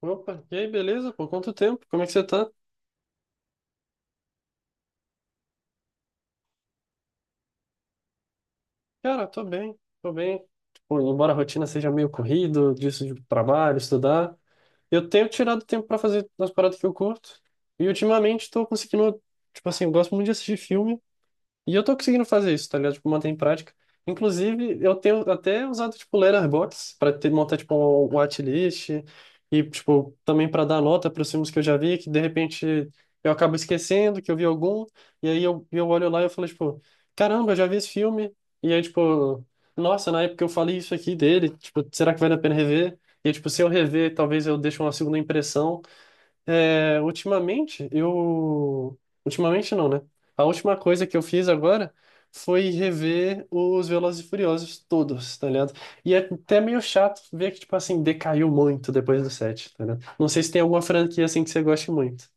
Opa, e aí, beleza? Por quanto tempo? Como é que você tá? Cara, tô bem, tô bem. Tipo, embora a rotina seja meio corrido, disso de trabalho, estudar, eu tenho tirado tempo pra fazer as paradas que eu curto. E ultimamente tô conseguindo, tipo assim, eu gosto muito de assistir filme. E eu tô conseguindo fazer isso, tá ligado? Tipo, manter em prática. Inclusive, eu tenho até usado, tipo, letter box para ter, montar, tipo, um watchlist e, tipo, também para dar nota para os filmes que eu já vi, que de repente eu acabo esquecendo que eu vi algum, e aí eu olho lá e eu falo, tipo, caramba, eu já vi esse filme, e aí, tipo, nossa, na época eu falei isso aqui dele, tipo, será que vale a pena rever? E, tipo, se eu rever, talvez eu deixe uma segunda impressão, é, ultimamente, eu. Ultimamente não, né? A última coisa que eu fiz agora foi rever os Velozes e Furiosos todos, tá ligado? E é até meio chato ver que, tipo assim, decaiu muito depois do 7, tá ligado? Não sei se tem alguma franquia assim que você goste muito.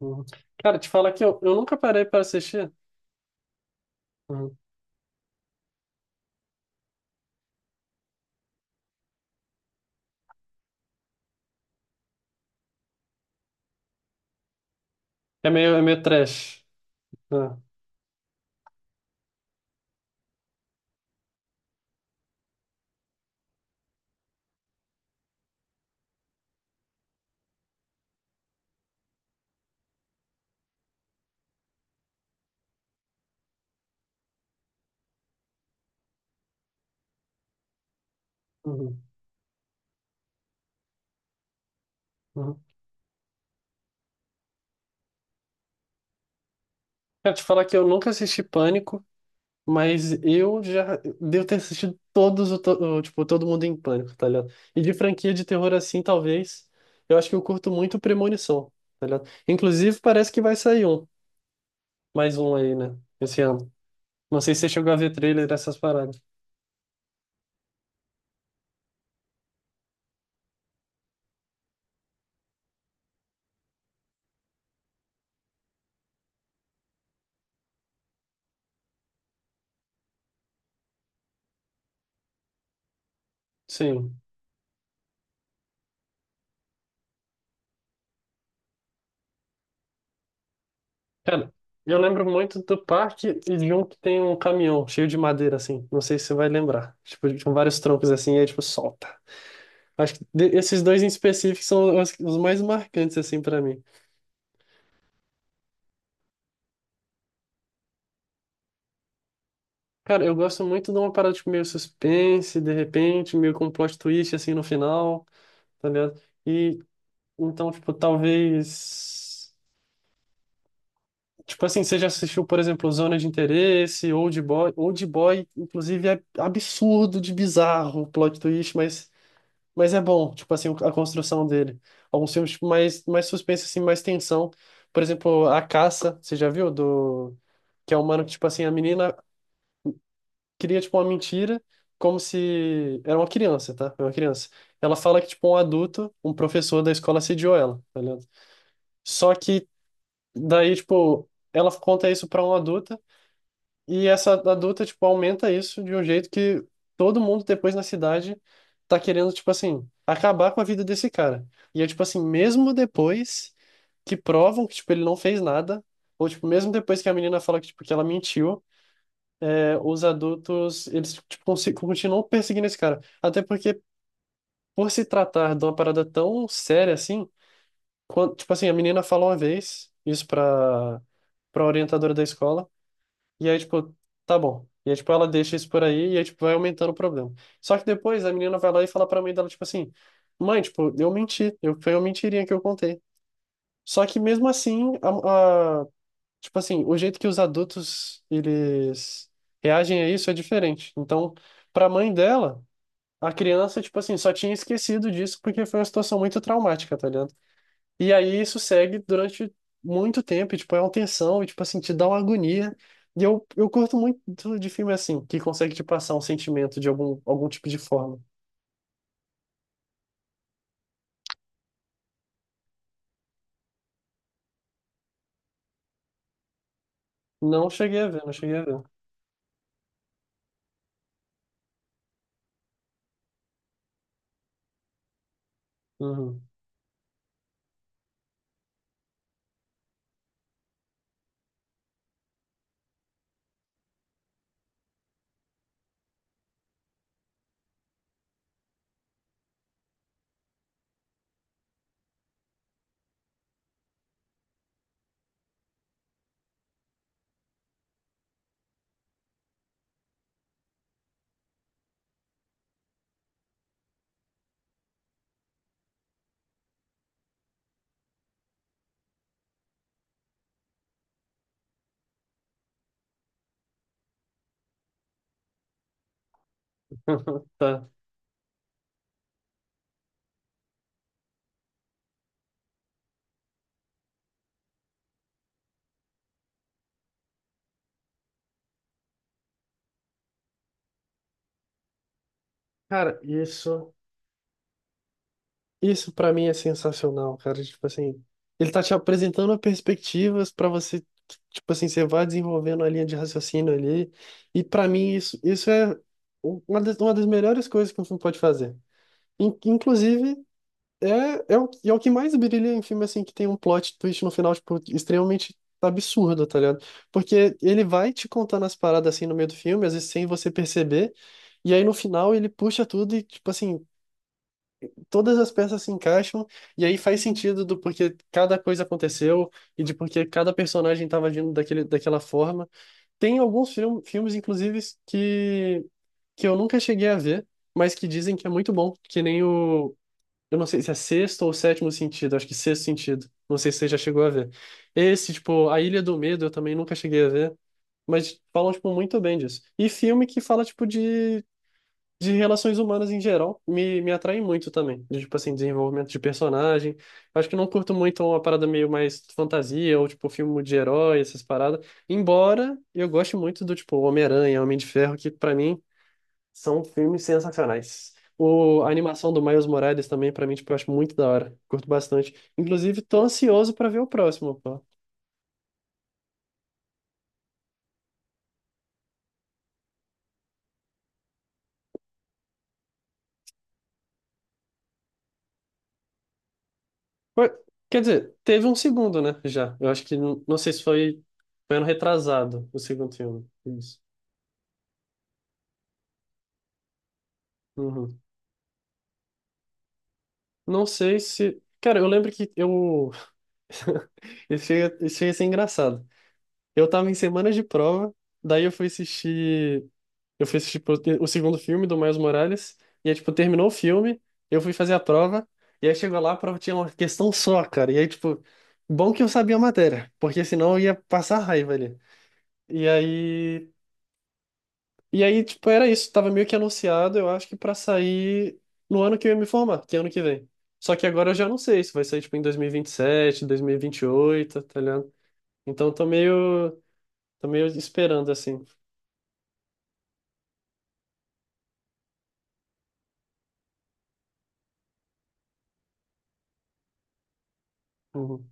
Uhum. Cara, te falar que eu nunca parei para assistir. Uhum. É meio trash. Né? Uhum. Uhum. Cara, te falar que eu nunca assisti Pânico. Mas eu já devo ter assistido todos, tipo, Todo Mundo em Pânico, tá ligado? E de franquia de terror assim, talvez, eu acho que eu curto muito Premonição, tá ligado? Inclusive, parece que vai sair um, mais um aí, né? Esse ano. Não sei se você chegou a ver trailer dessas paradas. Sim. Cara, eu lembro muito do parque e de um que tem um caminhão cheio de madeira, assim. Não sei se você vai lembrar. Tipo, com vários troncos assim, e aí, tipo, solta. Acho que esses dois em específico são os mais marcantes, assim, pra mim. Cara, eu gosto muito de uma parada tipo, meio suspense, de repente, meio com um plot twist assim no final, tá ligado? E então, tipo, talvez. Tipo assim, você já assistiu, por exemplo, Zona de Interesse, Old Boy. Old Boy, inclusive, é absurdo de bizarro o plot twist, mas é bom, tipo assim, a construção dele. Alguns filmes tipo, mais suspense, assim, mais tensão. Por exemplo, A Caça, você já viu? Do... Que é um mano que, tipo assim, a menina cria, tipo, uma mentira, como se... Era uma criança, tá? Era uma criança. Ela fala que, tipo, um adulto, um professor da escola assediou ela, tá ligado? Só que daí, tipo, ela conta isso pra uma adulta e essa adulta, tipo, aumenta isso de um jeito que todo mundo depois na cidade tá querendo, tipo assim, acabar com a vida desse cara. E é, tipo assim, mesmo depois que provam que, tipo, ele não fez nada, ou, tipo, mesmo depois que a menina fala que, tipo, que ela mentiu, os adultos, eles tipo, continuam perseguindo esse cara. Até porque, por se tratar de uma parada tão séria assim, tipo assim, a menina falou uma vez isso pra orientadora da escola, e aí, tipo, tá bom. E aí, tipo, ela deixa isso por aí, e aí, tipo, vai aumentando o problema. Só que depois a menina vai lá e fala pra mãe dela, tipo assim, mãe, tipo, eu menti, eu, foi uma mentirinha que eu contei. Só que mesmo assim, a, tipo assim, o jeito que os adultos eles reagem a isso é diferente. Então, para a mãe dela, a criança, tipo assim, só tinha esquecido disso porque foi uma situação muito traumática, tá ligado? E aí isso segue durante muito tempo, e, tipo, é uma tensão, e, tipo assim, te dá uma agonia. E eu curto muito de filme assim, que consegue te passar um sentimento de algum, algum tipo de forma. Não cheguei a ver, não cheguei a ver. Uhum. Tá. Cara, isso. Isso pra mim é sensacional, cara. Tipo assim, ele tá te apresentando perspectivas pra você, tipo assim, você vai desenvolvendo a linha de raciocínio ali. E pra mim isso é um, uma das melhores coisas que um filme pode fazer. Inclusive, é o que mais brilha em filme assim que tem um plot twist no final, tipo, extremamente absurdo, tá ligado? Porque ele vai te contando as paradas assim no meio do filme, às vezes sem você perceber. E aí no final ele puxa tudo e, tipo assim, todas as peças se encaixam e aí faz sentido do porquê cada coisa aconteceu e de porquê cada personagem estava agindo daquele, daquela forma. Tem alguns filmes, inclusive, que, que eu nunca cheguei a ver, mas que dizem que é muito bom, que nem o. Eu não sei se é sexto ou sétimo sentido, acho que sexto sentido. Não sei se você já chegou a ver. Esse, tipo, A Ilha do Medo, eu também nunca cheguei a ver. Mas falam, tipo, muito bem disso. E filme que fala, tipo, de relações humanas em geral me, me atraem muito também. De, tipo assim, desenvolvimento de personagem. Acho que não curto muito uma parada meio mais fantasia ou tipo filme de herói, essas paradas. Embora eu goste muito do tipo Homem-Aranha, Homem de Ferro, que pra mim são filmes sensacionais. O, a animação do Miles Morales também, pra mim, tipo, eu acho muito da hora. Curto bastante. Inclusive, tô ansioso pra ver o próximo, pô. Foi- Quer dizer, teve um segundo, né? Já. Eu acho que, não sei se foi, foi ano retrasado, o segundo filme. Isso. Uhum. Não sei se. Cara, eu lembro que eu. Isso ia ser engraçado. Eu tava em semana de prova, daí eu fui assistir. Eu fui assistir tipo, o segundo filme do Miles Morales, e aí, tipo, terminou o filme, eu fui fazer a prova, e aí chegou lá, a prova tinha uma questão só, cara. E aí, tipo, bom que eu sabia a matéria, porque senão eu ia passar raiva ali. E aí. E aí, tipo, era isso. Tava meio que anunciado, eu acho que pra sair no ano que eu ia me formar, que é ano que vem. Só que agora eu já não sei se vai sair, tipo, em 2027, 2028, tá ligado? Então eu tô meio esperando, assim. Uhum.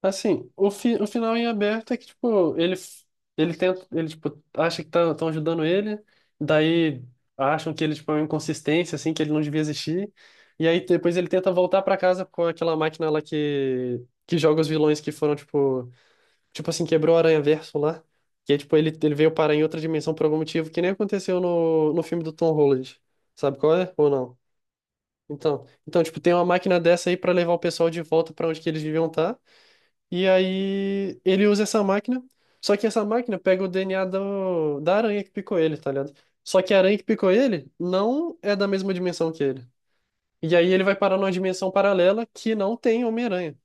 Assim, o, fi, o final em aberto é que, tipo, ele, ele tenta, ele, tipo, acha que tá, tão ajudando ele, daí acham que ele, tipo, é uma inconsistência, assim, que ele não devia existir. E aí depois ele tenta voltar pra casa com aquela máquina lá que joga os vilões que foram, tipo, tipo assim, quebrou o Aranha-Verso lá. Que é, tipo, ele veio parar em outra dimensão por algum motivo, que nem aconteceu no filme do Tom Holland. Sabe qual é? Ou não? Então, então, tipo, tem uma máquina dessa aí pra levar o pessoal de volta pra onde que eles deviam estar. E aí ele usa essa máquina, só que essa máquina pega o DNA da aranha que picou ele, tá ligado? Só que a aranha que picou ele não é da mesma dimensão que ele. E aí ele vai parar numa dimensão paralela que não tem Homem-Aranha.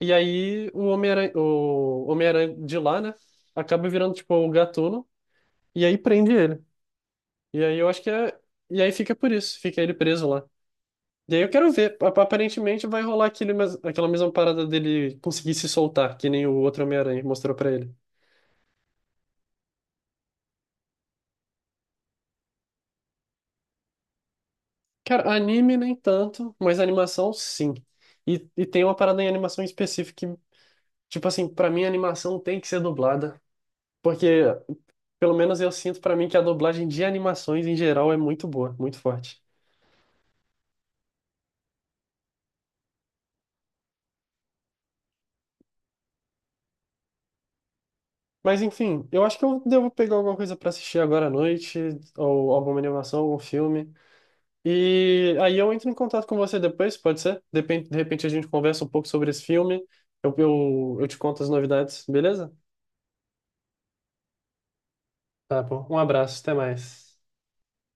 E aí o Homem-Aranha de lá, né? Acaba virando, tipo, o Gatuno. E aí prende ele. E aí eu acho que é. E aí fica por isso, fica ele preso lá. E aí eu quero ver. Aparentemente vai rolar aquele, aquela mesma parada dele conseguir se soltar, que nem o outro Homem-Aranha mostrou pra ele. Cara, anime nem tanto, mas animação sim. E tem uma parada em animação específica que, tipo assim, pra mim a animação tem que ser dublada. Porque, pelo menos eu sinto pra mim que a dublagem de animações em geral é muito boa, muito forte. Mas enfim, eu acho que eu devo pegar alguma coisa pra assistir agora à noite, ou alguma animação, algum filme. E aí eu entro em contato com você depois, pode ser? De repente a gente conversa um pouco sobre esse filme. Eu te conto as novidades, beleza? Tá bom. Um abraço, até mais.